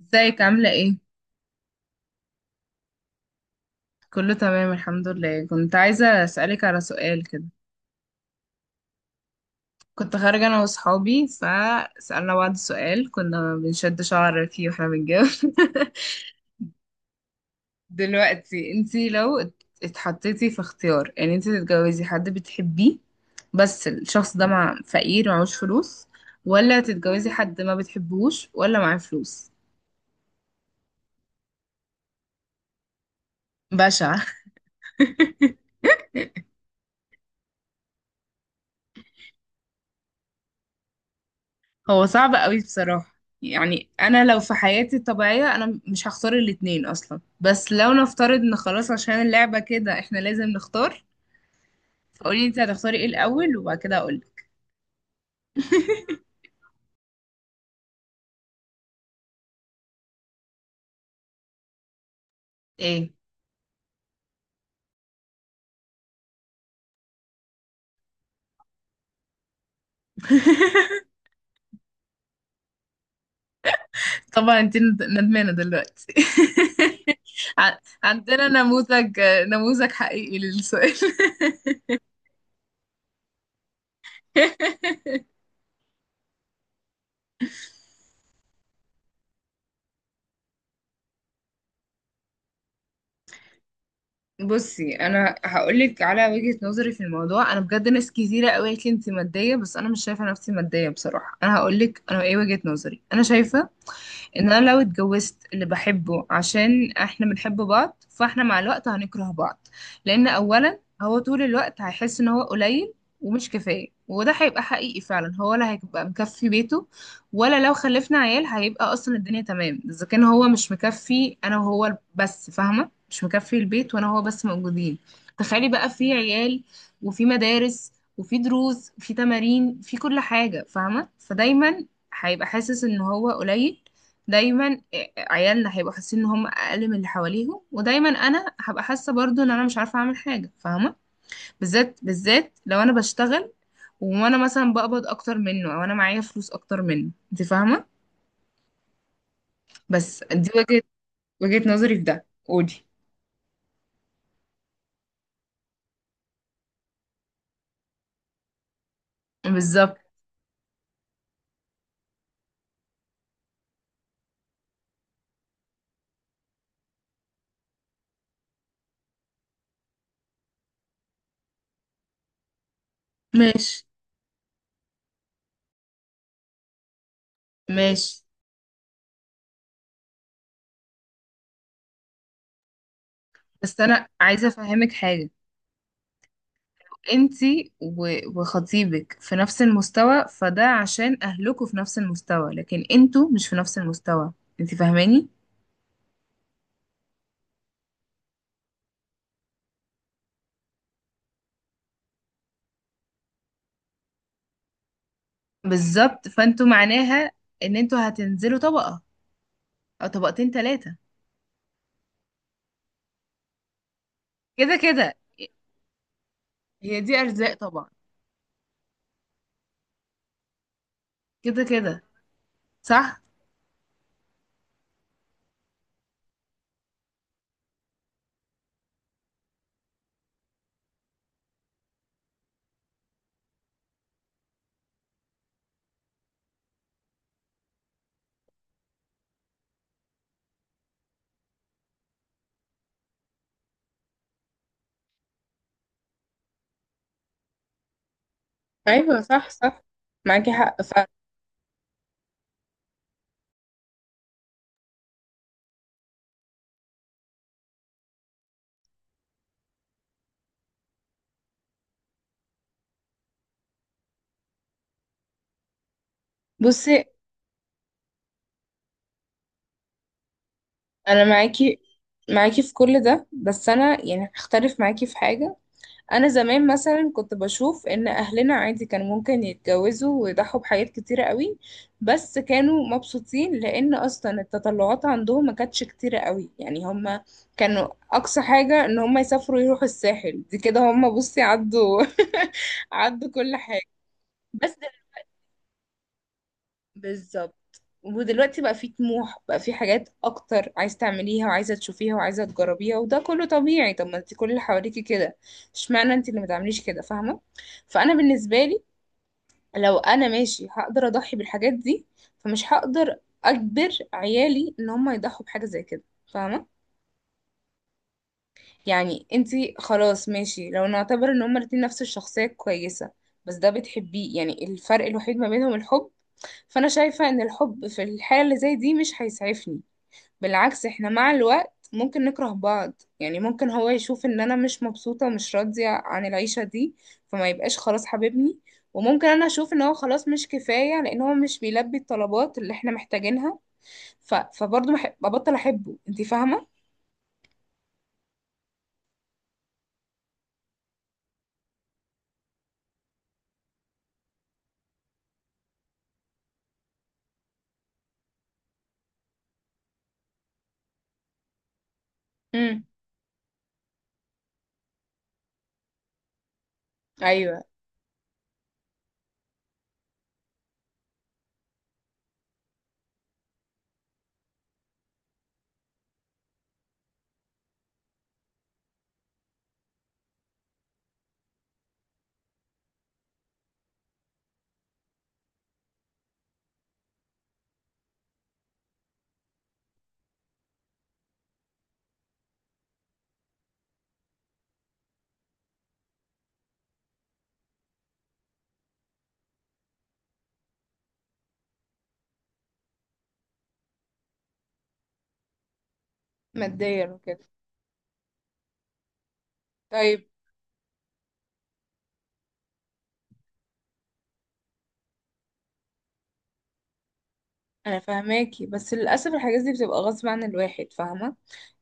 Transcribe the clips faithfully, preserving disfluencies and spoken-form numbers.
ازيك عاملة ايه؟ كله تمام الحمد لله، كنت عايزة اسألك على سؤال كده. كنت خارجة انا واصحابي فسألنا بعض سؤال كنا بنشد شعر فيه واحنا بنتجوز. دلوقتي انتي لو ات- اتحطيتي في اختيار ان انتي تتجوزي حد بتحبيه، بس الشخص ده مع فقير ومعهوش فلوس، ولا تتجوزي حد ما بتحبوش ولا معاه فلوس. بشع. هو صعب قوي بصراحة. يعني انا لو في حياتي الطبيعية انا مش هختار الاتنين اصلا، بس لو نفترض ان خلاص عشان اللعبة كده احنا لازم نختار، فقولي انت هتختاري ايه الاول وبعد كده اقولك. ايه. طبعا انت ند- ندمانة دلوقتي. ع- عندنا نموذج، نموذج حقيقي للسؤال. بصي، انا هقولك على وجهة نظري في الموضوع. انا بجد ناس كتيره قوي قالت لي انت ماديه، بس انا مش شايفه نفسي ماديه بصراحه. انا هقولك انا ايه وجهة نظري. انا شايفه ان انا لو اتجوزت اللي بحبه عشان احنا بنحب بعض، فاحنا مع الوقت هنكره بعض. لان اولا هو طول الوقت هيحس ان هو قليل ومش كفاية، وده هيبقى حقيقي فعلا. هو لا هيبقى مكفي بيته، ولا لو خلفنا عيال هيبقى اصلا الدنيا تمام. اذا كان هو مش مكفي انا وهو بس، فاهمة، مش مكفي البيت وانا هو بس موجودين، تخيلي بقى في عيال، وفي مدارس، وفي دروس، وفي تمارين، في كل حاجة، فاهمة؟ فدايما هيبقى حاسس ان هو قليل. دايما آه، عيالنا هيبقوا حاسين ان هم اقل من اللي حواليهم، ودايما انا هبقى حاسه برضو ان انا مش عارفه اعمل حاجه، فاهمه؟ بالذات بالذات لو انا بشتغل وانا مثلا بقبض اكتر منه، او انا معايا فلوس اكتر منه، انت فاهمه. بس دي وجهه، وجهه نظري في ده. قولي. بالظبط. ماشي، ماشي. بس انا عايزه افهمك حاجه. انتي و- وخطيبك في نفس المستوى، فده عشان اهلكوا في نفس المستوى، لكن انتوا مش في نفس المستوى. انتي فاهماني. بالظبط، فانتوا معناها ان انتوا هتنزلوا طبقة او طبقتين ثلاثة. كده كده هي دي ارزاق طبعا. كده كده صح. ايوه، صح صح، معاكي حق فعلا. بصي انا معاكي، معاكي في كل ده، بس انا يعني هختلف معاكي في حاجه. انا زمان مثلا كنت بشوف ان اهلنا عادي كان ممكن يتجوزوا ويضحوا بحاجات كتيرة قوي، بس كانوا مبسوطين لان اصلا التطلعات عندهم ما كانتش كتيرة قوي. يعني هم كانوا اقصى حاجة ان هم يسافروا يروحوا الساحل دي كده. هم بصي عدوا، عدوا كل حاجة. بس بالظبط. ودلوقتي بقى في طموح، بقى في حاجات اكتر عايز تعمليها وعايزه تشوفيها وعايزه تجربيها، وده كله طبيعي. طب ما انت كل اللي حواليكي كده، اشمعنى انت اللي ما تعمليش كده، فاهمه؟ فانا بالنسبه لي لو انا ماشي هقدر اضحي بالحاجات دي، فمش هقدر اجبر عيالي ان هم يضحوا بحاجه زي كده، فاهمه؟ يعني انت خلاص ماشي، لو نعتبر ان هما الاتنين نفس الشخصيه كويسه، بس ده بتحبيه، يعني الفرق الوحيد ما بينهم الحب، فانا شايفة ان الحب في الحالة اللي زي دي مش هيسعفني. بالعكس، احنا مع الوقت ممكن نكره بعض. يعني ممكن هو يشوف ان انا مش مبسوطة ومش راضية عن العيشة دي، فما يبقاش خلاص حبيبني، وممكن انا اشوف ان هو خلاص مش كفاية لان هو مش بيلبي الطلبات اللي احنا محتاجينها. ف... فبرضه بح- ببطل احبه، انت فاهمة. امم، ايوه، ماديا وكده. طيب انا فاهماكي، بس للاسف الحاجات دي بتبقى غصب عن الواحد، فاهمه؟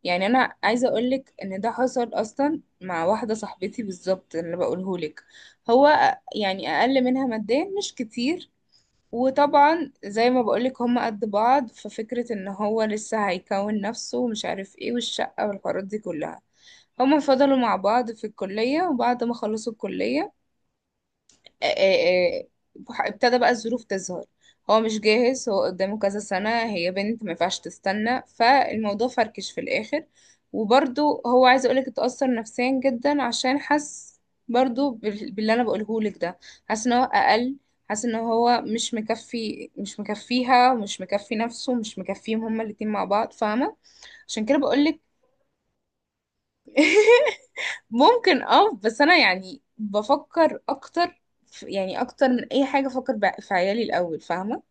يعني انا عايزه اقولك ان ده حصل اصلا مع واحده صاحبتي بالظبط اللي بقولهولك. هو أ- يعني اقل منها ماديا مش كتير، وطبعا زي ما بقولك هما قد بعض، ففكره ان هو لسه هيكون نفسه ومش عارف ايه والشقه والحوارات دي كلها. هما فضلوا مع بعض في الكليه، وبعد ما خلصوا الكليه آه، آه، آه، ابتدى بقى الظروف تظهر. هو مش جاهز، هو قدامه كذا سنة، هي بنت ما ينفعش تستنى، فالموضوع فركش في الآخر. وبرضو هو عايز أقولك اتأثر نفسيا جدا، عشان حس برضو بال- باللي أنا بقولهولك ده. حاسس إن هو أقل، حاسس إن هو مش مكفي، مش مكفيها ومش مكفي نفسه ومش مكفيهم هما الاتنين مع بعض، فاهمة؟ عشان كده بقولك. ممكن، اه، بس انا يعني بفكر اكتر في- يعني اكتر من اي حاجه افكر بع- في عيالي الاول، فاهمه.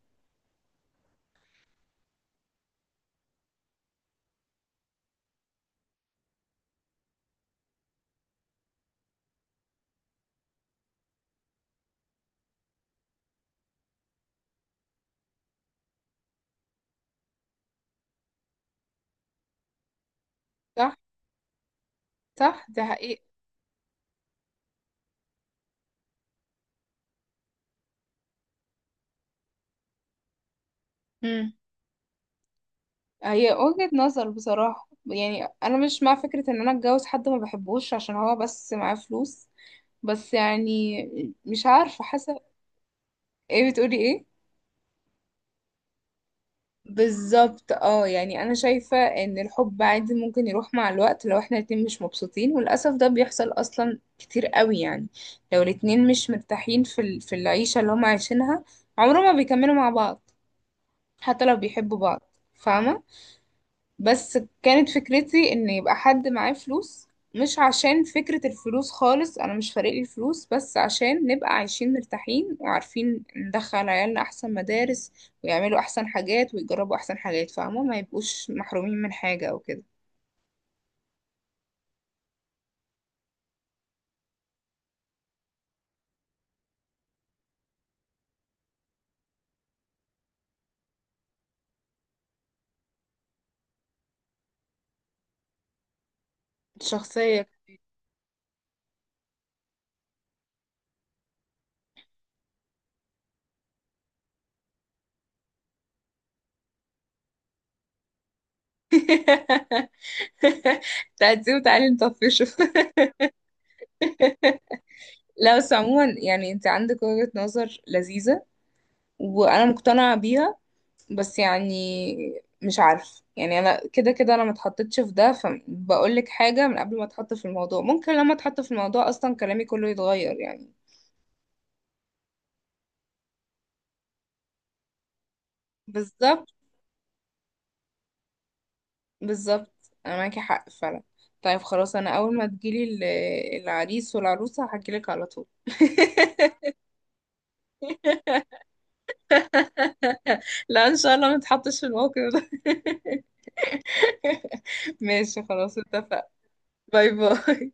صح، صح ده حقيقة. مم. هي وجهة نظر بصراحة، يعني أنا مش مع فكرة إن أنا أتجوز حد ما بحبوش عشان هو بس معاه فلوس. بس يعني مش عارفة حسب. إيه بتقولي إيه؟ بالظبط، اه. يعني انا شايفة ان الحب عادي ممكن يروح مع الوقت لو احنا الاتنين مش مبسوطين، وللأسف ده بيحصل اصلا كتير قوي. يعني لو الاتنين مش مرتاحين في ال- في العيشة اللي هم عايشينها، عمرهم ما بيكملوا مع بعض حتى لو بيحبوا بعض، فاهمة؟ بس كانت فكرتي ان يبقى حد معاه فلوس، مش عشان فكرة الفلوس خالص، انا مش فارق لي الفلوس، بس عشان نبقى عايشين مرتاحين وعارفين ندخل عيالنا احسن مدارس، ويعملوا احسن حاجات ويجربوا احسن حاجات، فاهمة؟ ما يبقوش محرومين من حاجة او كده. شخصية. تعدي وتعالي نطفشه. لا بس عموما يعني انت عندك وجهة نظر لذيذة وانا مقتنعة بيها، بس يعني مش عارف. يعني انا كده كده انا ما اتحطتش في ده، فبقول لك حاجه من قبل ما اتحط في الموضوع. ممكن لما اتحط في الموضوع اصلا كلامي كله يتغير يعني. بالظبط، بالظبط، انا معاكي حق فعلا. طيب خلاص، انا اول ما تجيلي ال- العريس والعروسه هحكيلك على طول. لا ان شاء الله ما اتحطش في الموقف ده. ماشي خلاص، اتفق. باي باي.